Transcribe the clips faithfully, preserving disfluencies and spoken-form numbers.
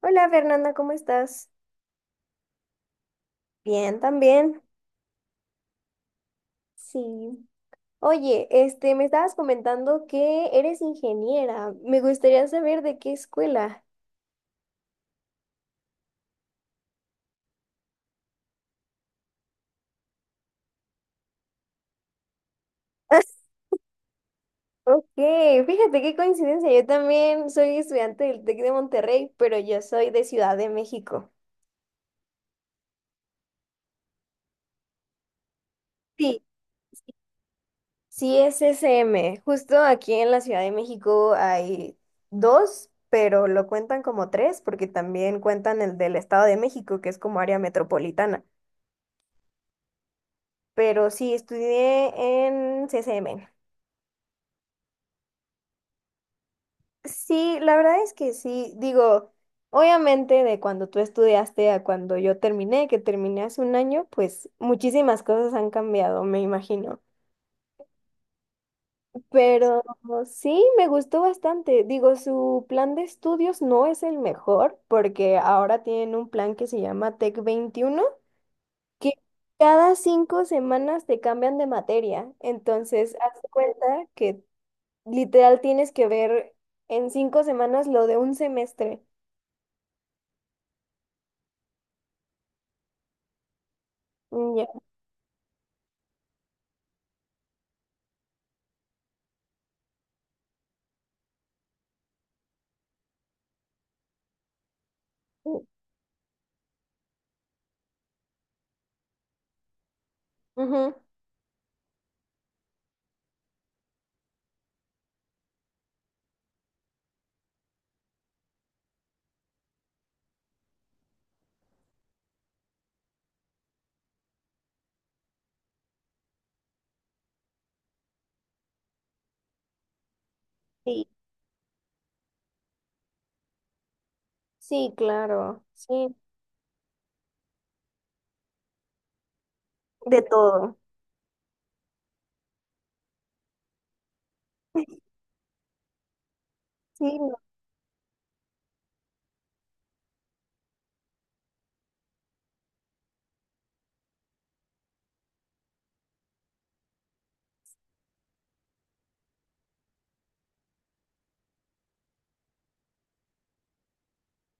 Hola, Fernanda, ¿cómo estás? Bien, también. Sí. Oye, este, me estabas comentando que eres ingeniera. Me gustaría saber de qué escuela. Ok, fíjate qué coincidencia. Yo también soy estudiante del TEC de Monterrey, pero yo soy de Ciudad de México. Sí, sí es S M. Justo aquí en la Ciudad de México hay dos, pero lo cuentan como tres porque también cuentan el del Estado de México, que es como área metropolitana. Pero sí, estudié en C C M. Sí, la verdad es que sí. Digo, obviamente de cuando tú estudiaste a cuando yo terminé, que terminé hace un año, pues muchísimas cosas han cambiado, me imagino. Pero sí, me gustó bastante. Digo, su plan de estudios no es el mejor porque ahora tienen un plan que se llama Tec veintiuno, que cada cinco semanas te cambian de materia. Entonces, haz de cuenta que literal tienes que ver en cinco semanas lo de un semestre. Mm, ya. Ujú. Sí, sí, claro, sí. De todo. Sí, no.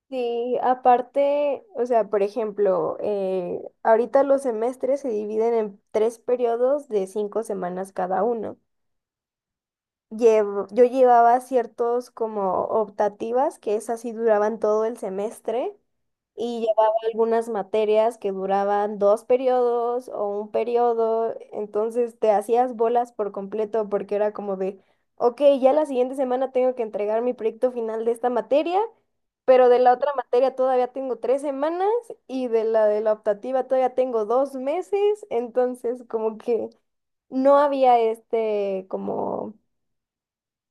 Sí, aparte, o sea, por ejemplo, eh, ahorita los semestres se dividen en tres periodos de cinco semanas cada uno. Llevo- yo llevaba ciertos como optativas que esas sí duraban todo el semestre, y llevaba algunas materias que duraban dos periodos o un periodo, entonces te hacías bolas por completo porque era como de, ok, ya la siguiente semana tengo que entregar mi proyecto final de esta materia, pero de la otra materia todavía tengo tres semanas y de la de la optativa todavía tengo dos meses. Entonces, como que no había este como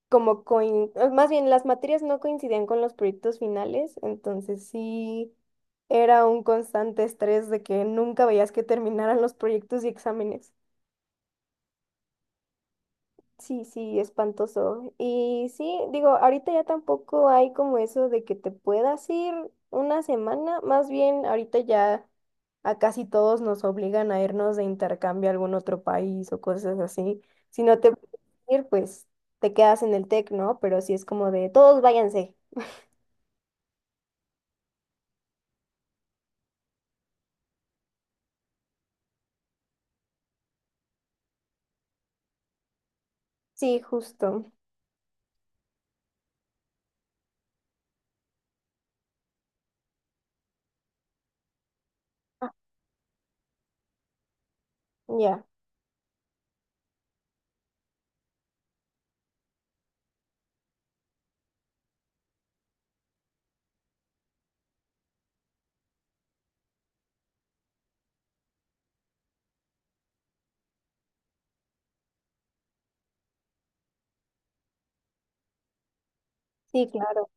como coin, eh, más bien las materias no coincidían con los proyectos finales, entonces sí era un constante estrés de que nunca veías que terminaran los proyectos y exámenes. Sí, sí, espantoso. Y sí, digo, ahorita ya tampoco hay como eso de que te puedas ir una semana, más bien ahorita ya a casi todos nos obligan a irnos de intercambio a algún otro país o cosas así. Si no te puedes ir, pues te quedas en el TEC, ¿no? Pero sí es como de todos váyanse. Sí, justo. Ah, ya, sí, claro.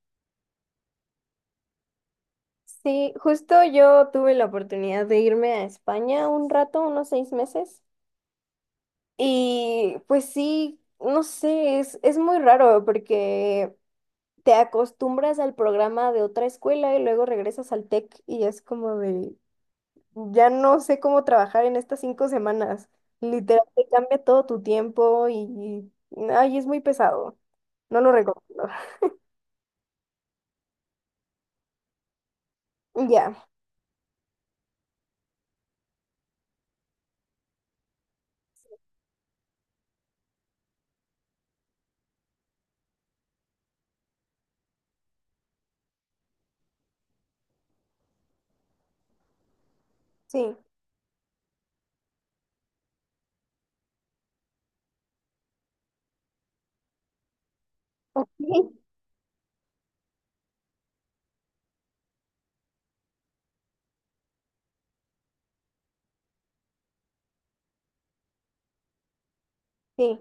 Sí, justo yo tuve la oportunidad de irme a España un rato, unos seis meses. Y pues sí, no sé, es, es muy raro porque te acostumbras al programa de otra escuela y luego regresas al TEC y es como de, ya no sé cómo trabajar en estas cinco semanas. Literal, te cambia todo tu tiempo y, y- ay, es muy pesado. No lo recomiendo. Ya, sí. Ok, sí.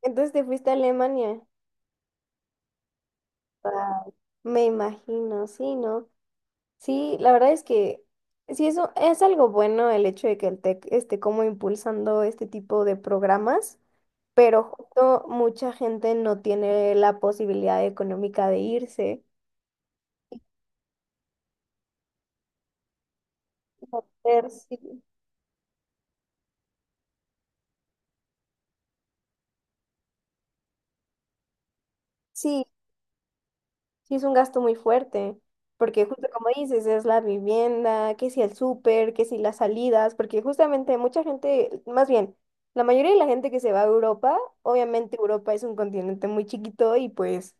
Entonces te fuiste a Alemania. Ah, me imagino, sí, ¿no? Sí, la verdad es que sí, eso es algo bueno el hecho de que el TEC esté como impulsando este tipo de programas, pero justo mucha gente no tiene la posibilidad económica de irse. Ver, sí. Sí, sí, es un gasto muy fuerte, porque justo como dices, es la vivienda, que si el súper, que si las salidas, porque justamente mucha gente, más bien, la mayoría de la gente que se va a Europa, obviamente Europa es un continente muy chiquito y pues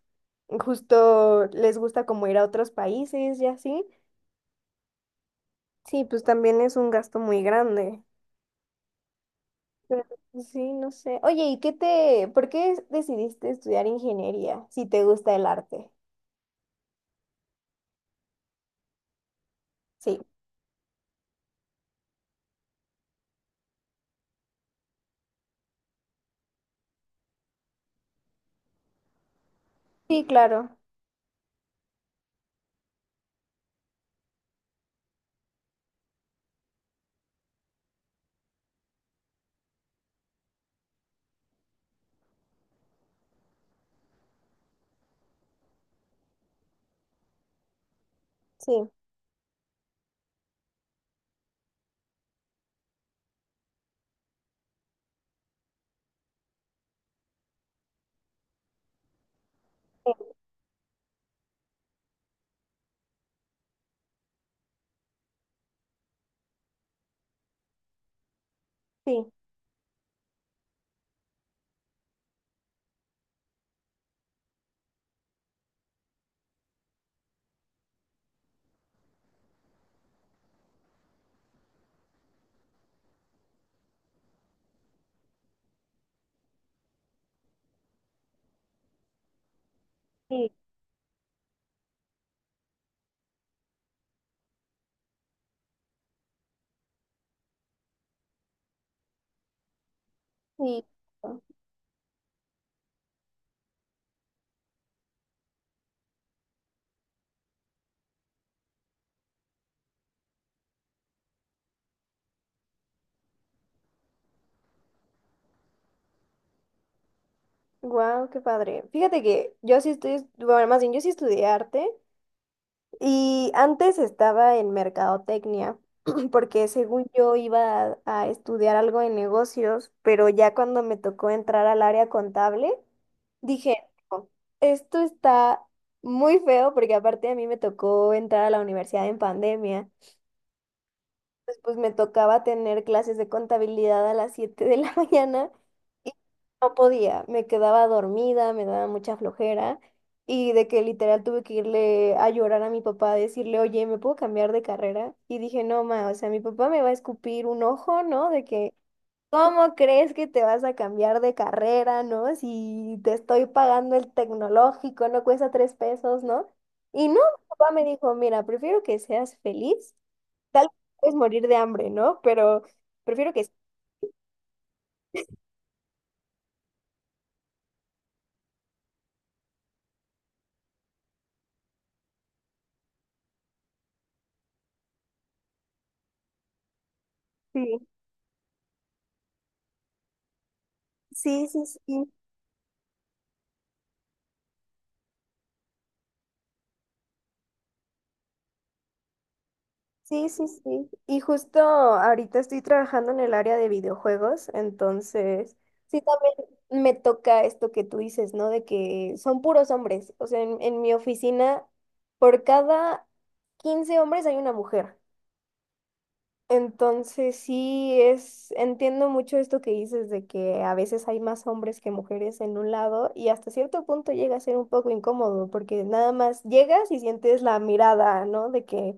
justo les gusta como ir a otros países y así. Sí, pues también es un gasto muy grande. Pero, pues, sí, no sé. Oye, ¿y qué te, por qué decidiste estudiar ingeniería si te gusta el arte? Sí. Sí, claro. Sí, sí, sí. Sí. Wow, qué padre. Fíjate que yo sí estoy, est- bueno, más bien yo sí estudié arte y antes estaba en mercadotecnia, porque según yo iba a, a estudiar algo en negocios, pero ya cuando me tocó entrar al área contable, dije, "No, esto está muy feo", porque aparte a mí me tocó entrar a la universidad en pandemia. Pues, pues me tocaba tener clases de contabilidad a las siete de la mañana y no podía, me quedaba dormida, me daba mucha flojera, y de que literal tuve que irle a llorar a mi papá, a decirle, oye, ¿me puedo cambiar de carrera? Y dije, no, ma, o sea, mi papá me va a escupir un ojo, ¿no? De que, ¿cómo crees que te vas a cambiar de carrera, ¿no? Si te estoy pagando el tecnológico, no cuesta tres pesos, ¿no? Y no, mi papá me dijo, mira, prefiero que seas feliz. Tal vez puedes morir de hambre, ¿no? Pero prefiero que sí. Sí, sí, sí. Sí, sí, sí. Y justo ahorita estoy trabajando en el área de videojuegos, entonces sí también me toca esto que tú dices, ¿no? De que son puros hombres. O sea, en, en mi oficina, por cada quince hombres hay una mujer. Entonces sí es, entiendo mucho esto que dices de que a veces hay más hombres que mujeres en un lado y hasta cierto punto llega a ser un poco incómodo porque nada más llegas y sientes la mirada, ¿no? De que,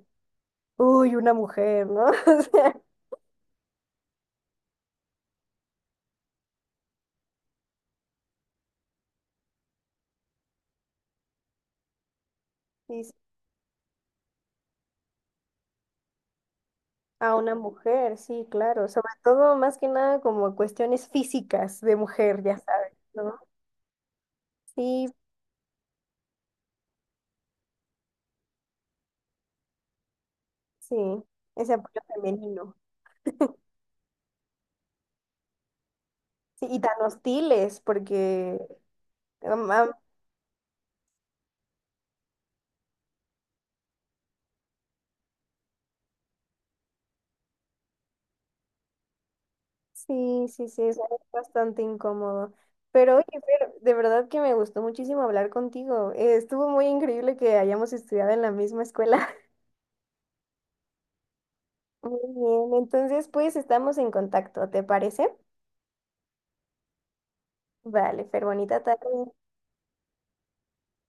uy, una mujer, ¿no? O sea, y s- a una mujer, sí, claro, sobre todo más que nada como cuestiones físicas de mujer, ya sabes, ¿no? Sí, sí, ese apoyo femenino. Sí, y tan hostiles porque... am- a, sí, sí, sí, es bastante incómodo. Pero oye, Fer, de verdad que me gustó muchísimo hablar contigo. Eh, estuvo muy increíble que hayamos estudiado en la misma escuela. Muy bien, entonces pues estamos en contacto, ¿te parece? Vale, Fer, bonita tarde.